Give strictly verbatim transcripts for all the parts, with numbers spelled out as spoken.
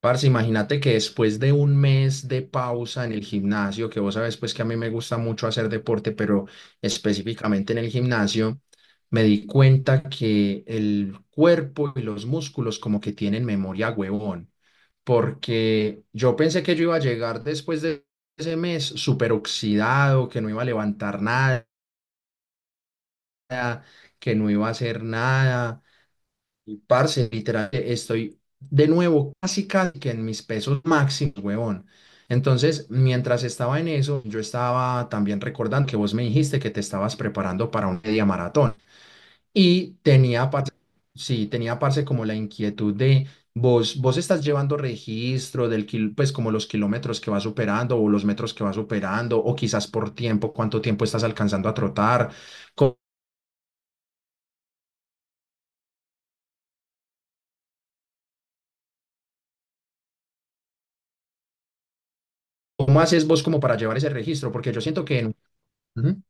Parce, imagínate que después de un mes de pausa en el gimnasio, que vos sabes pues que a mí me gusta mucho hacer deporte, pero específicamente en el gimnasio, me di cuenta que el cuerpo y los músculos como que tienen memoria, huevón, porque yo pensé que yo iba a llegar después de ese mes súper oxidado, que no iba a levantar nada, que no iba a hacer nada y, parce, literal, estoy de nuevo casi casi que en mis pesos máximos, huevón. Entonces, mientras estaba en eso, yo estaba también recordando que vos me dijiste que te estabas preparando para un media maratón. Y tenía, parce, sí, tenía, parce, como la inquietud de vos, vos estás llevando registro del, kil- pues, como los kilómetros que vas superando o los metros que vas superando, o quizás por tiempo, cuánto tiempo estás alcanzando a trotar. ¿Cómo, cómo haces vos como para llevar ese registro? Porque yo siento que en... Ujú.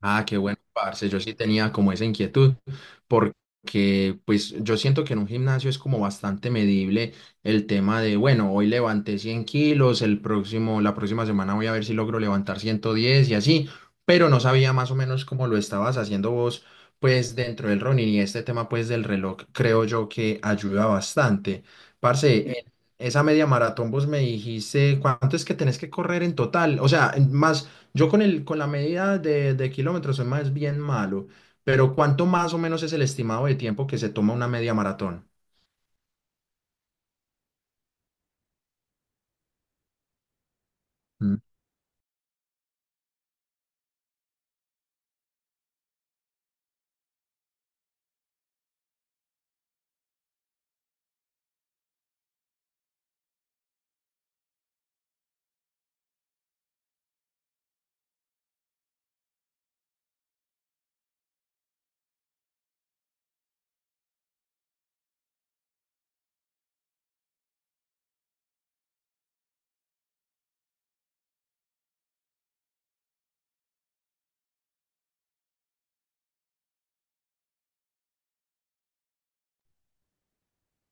Ah, qué bueno, parce. Yo sí tenía como esa inquietud, porque pues yo siento que en un gimnasio es como bastante medible el tema de, bueno, hoy levanté cien kilos, el próximo, la próxima semana voy a ver si logro levantar ciento diez y así, pero no sabía más o menos cómo lo estabas haciendo vos, pues dentro del running y este tema pues del reloj, creo yo que ayuda bastante. Parce, en esa media maratón vos me dijiste, ¿cuánto es que tenés que correr en total? O sea, en- más yo con el, con la medida de, de kilómetros soy más bien malo, pero ¿cuánto más o menos es el estimado de tiempo que se toma una media maratón? Mm.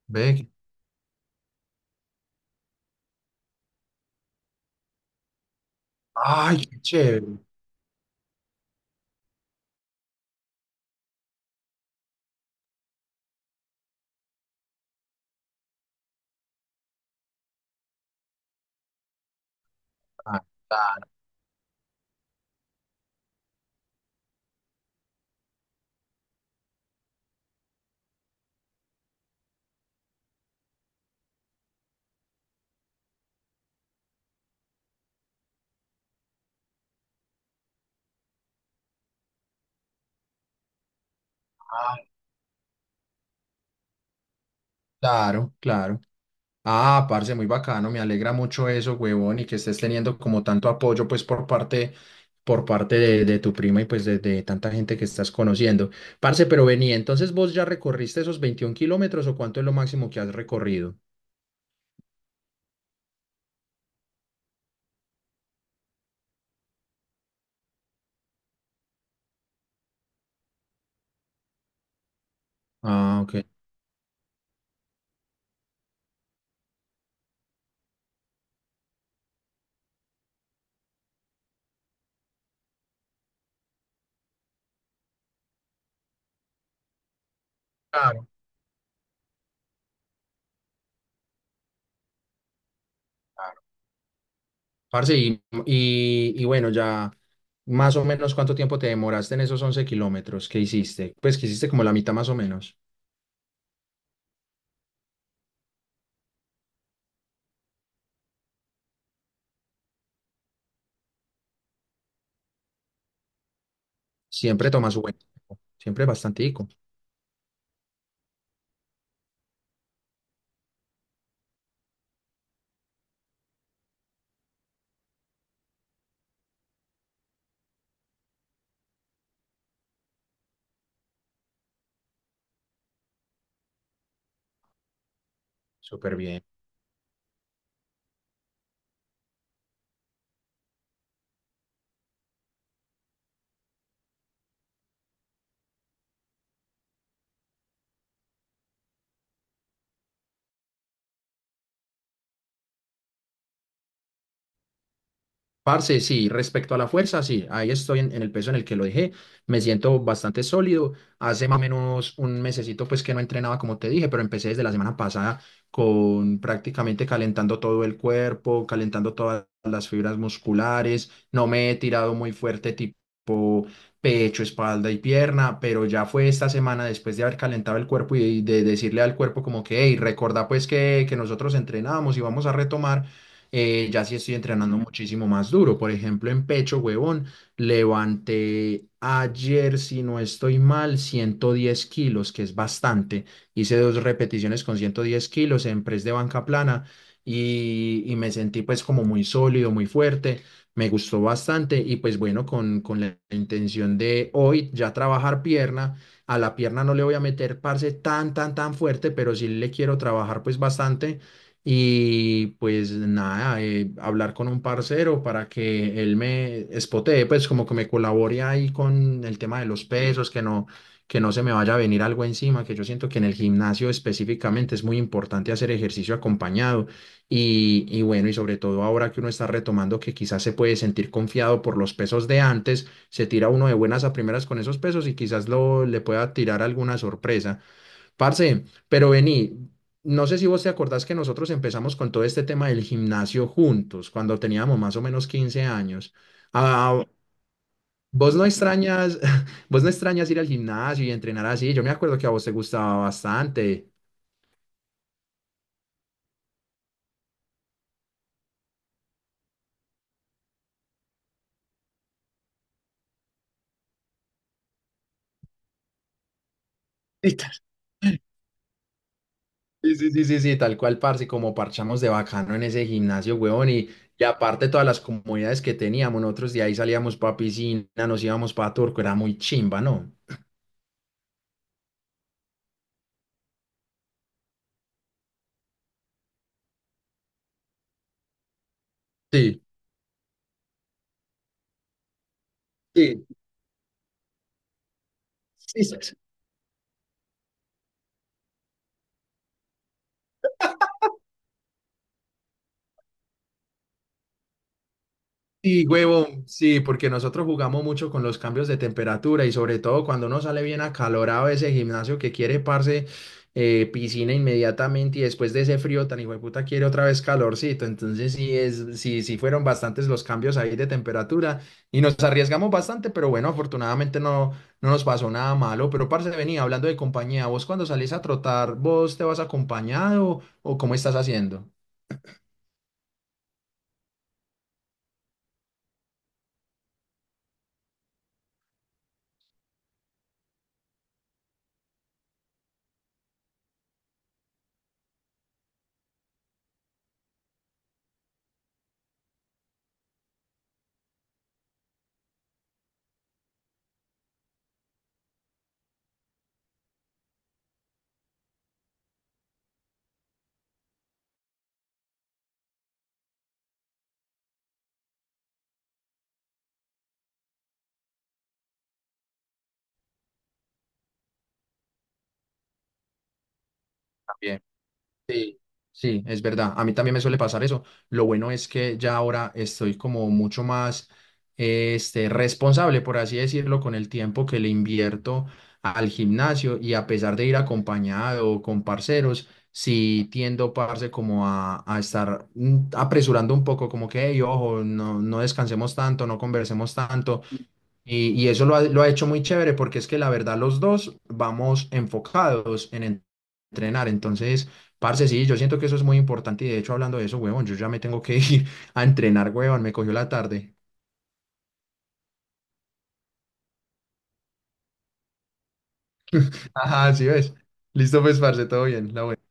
Ve, que- ay, qué chévere. Ah, claro, ah, claro, claro. Ah, parce, muy bacano, me alegra mucho eso, huevón, y que estés teniendo como tanto apoyo, pues, por parte, por parte de, de tu prima y pues de, de tanta gente que estás conociendo. Parce, pero vení, entonces ¿vos ya recorriste esos veintiún kilómetros o cuánto es lo máximo que has recorrido? Ah, ok. Claro. Parce, y, y- y bueno, ya más o menos ¿cuánto tiempo te demoraste en esos once kilómetros que hiciste? Pues que hiciste como la mitad más o menos. Siempre toma su buen tiempo. Siempre bastantico. Súper bien. Parce, sí, respecto a la fuerza, sí, ahí estoy en, en el peso en el que lo dejé, me siento bastante sólido, hace más o menos un mesecito pues que no entrenaba como te dije, pero empecé desde la semana pasada con prácticamente calentando todo el cuerpo, calentando todas las fibras musculares, no me he tirado muy fuerte tipo pecho, espalda y pierna, pero ya fue esta semana después de haber calentado el cuerpo y de decirle al cuerpo como que, hey, recuerda pues que, que nosotros entrenábamos y vamos a retomar. Eh, ya sí estoy entrenando muchísimo más duro. Por ejemplo, en pecho, huevón, levanté ayer, si no estoy mal, ciento diez kilos, que es bastante. Hice dos repeticiones con ciento diez kilos en press de banca plana y, y me sentí pues como muy sólido, muy fuerte. Me gustó bastante y pues bueno, con, con la intención de hoy ya trabajar pierna. A la pierna no le voy a meter, parce, tan, tan, tan fuerte, pero sí le quiero trabajar pues bastante y pues nada, eh, hablar con un parcero para que él me espotee, pues como que me colabore ahí con el tema de los pesos, que no, que no se me vaya a venir algo encima, que yo siento que en el gimnasio específicamente es muy importante hacer ejercicio acompañado. Y, y bueno, y sobre todo ahora que uno está retomando que quizás se puede sentir confiado por los pesos de antes, se tira uno de buenas a primeras con esos pesos y quizás lo, le pueda tirar alguna sorpresa. Parce, pero vení, no sé si vos te acordás que nosotros empezamos con todo este tema del gimnasio juntos, cuando teníamos más o menos quince años. Ah, vos no extrañas, vos no extrañas ir al gimnasio y entrenar así. Yo me acuerdo que a vos te gustaba bastante. Literal. Sí, sí, sí, sí, sí, tal cual, parce, como parchamos de bacano en ese gimnasio, huevón, y, y aparte todas las comodidades que teníamos, nosotros de ahí salíamos para piscina, nos íbamos para Turco, era muy chimba, ¿no? Sí, sí. Sí, sí. Sí, huevón, sí, porque nosotros jugamos mucho con los cambios de temperatura y sobre todo cuando uno sale bien acalorado de ese gimnasio que quiere, parce, eh, piscina inmediatamente y después de ese frío tan puta quiere otra vez calorcito. Entonces sí es, sí, sí fueron bastantes los cambios ahí de temperatura y nos arriesgamos bastante, pero bueno, afortunadamente no, no nos pasó nada malo. Pero parce, venía hablando de compañía, vos cuando salís a trotar, ¿vos te vas acompañado o cómo estás haciendo? Bien. Sí, sí, es verdad. A mí también me suele pasar eso. Lo bueno es que ya ahora estoy como mucho más eh, este, responsable, por así decirlo, con el tiempo que le invierto al gimnasio y a pesar de ir acompañado o con parceros, sí tiendo, parce, como a, a estar mm, apresurando un poco, como que, "Ey, ojo, no, no descansemos tanto, no conversemos tanto". Y, y eso lo ha, lo ha hecho muy chévere porque es que la verdad los dos vamos enfocados en en- entrenar. Entonces, parce, sí, yo siento que eso es muy importante y de hecho hablando de eso, huevón, yo ya me tengo que ir a entrenar, huevón, me cogió la tarde. Ajá, sí ves. Listo, pues, parce, todo bien. La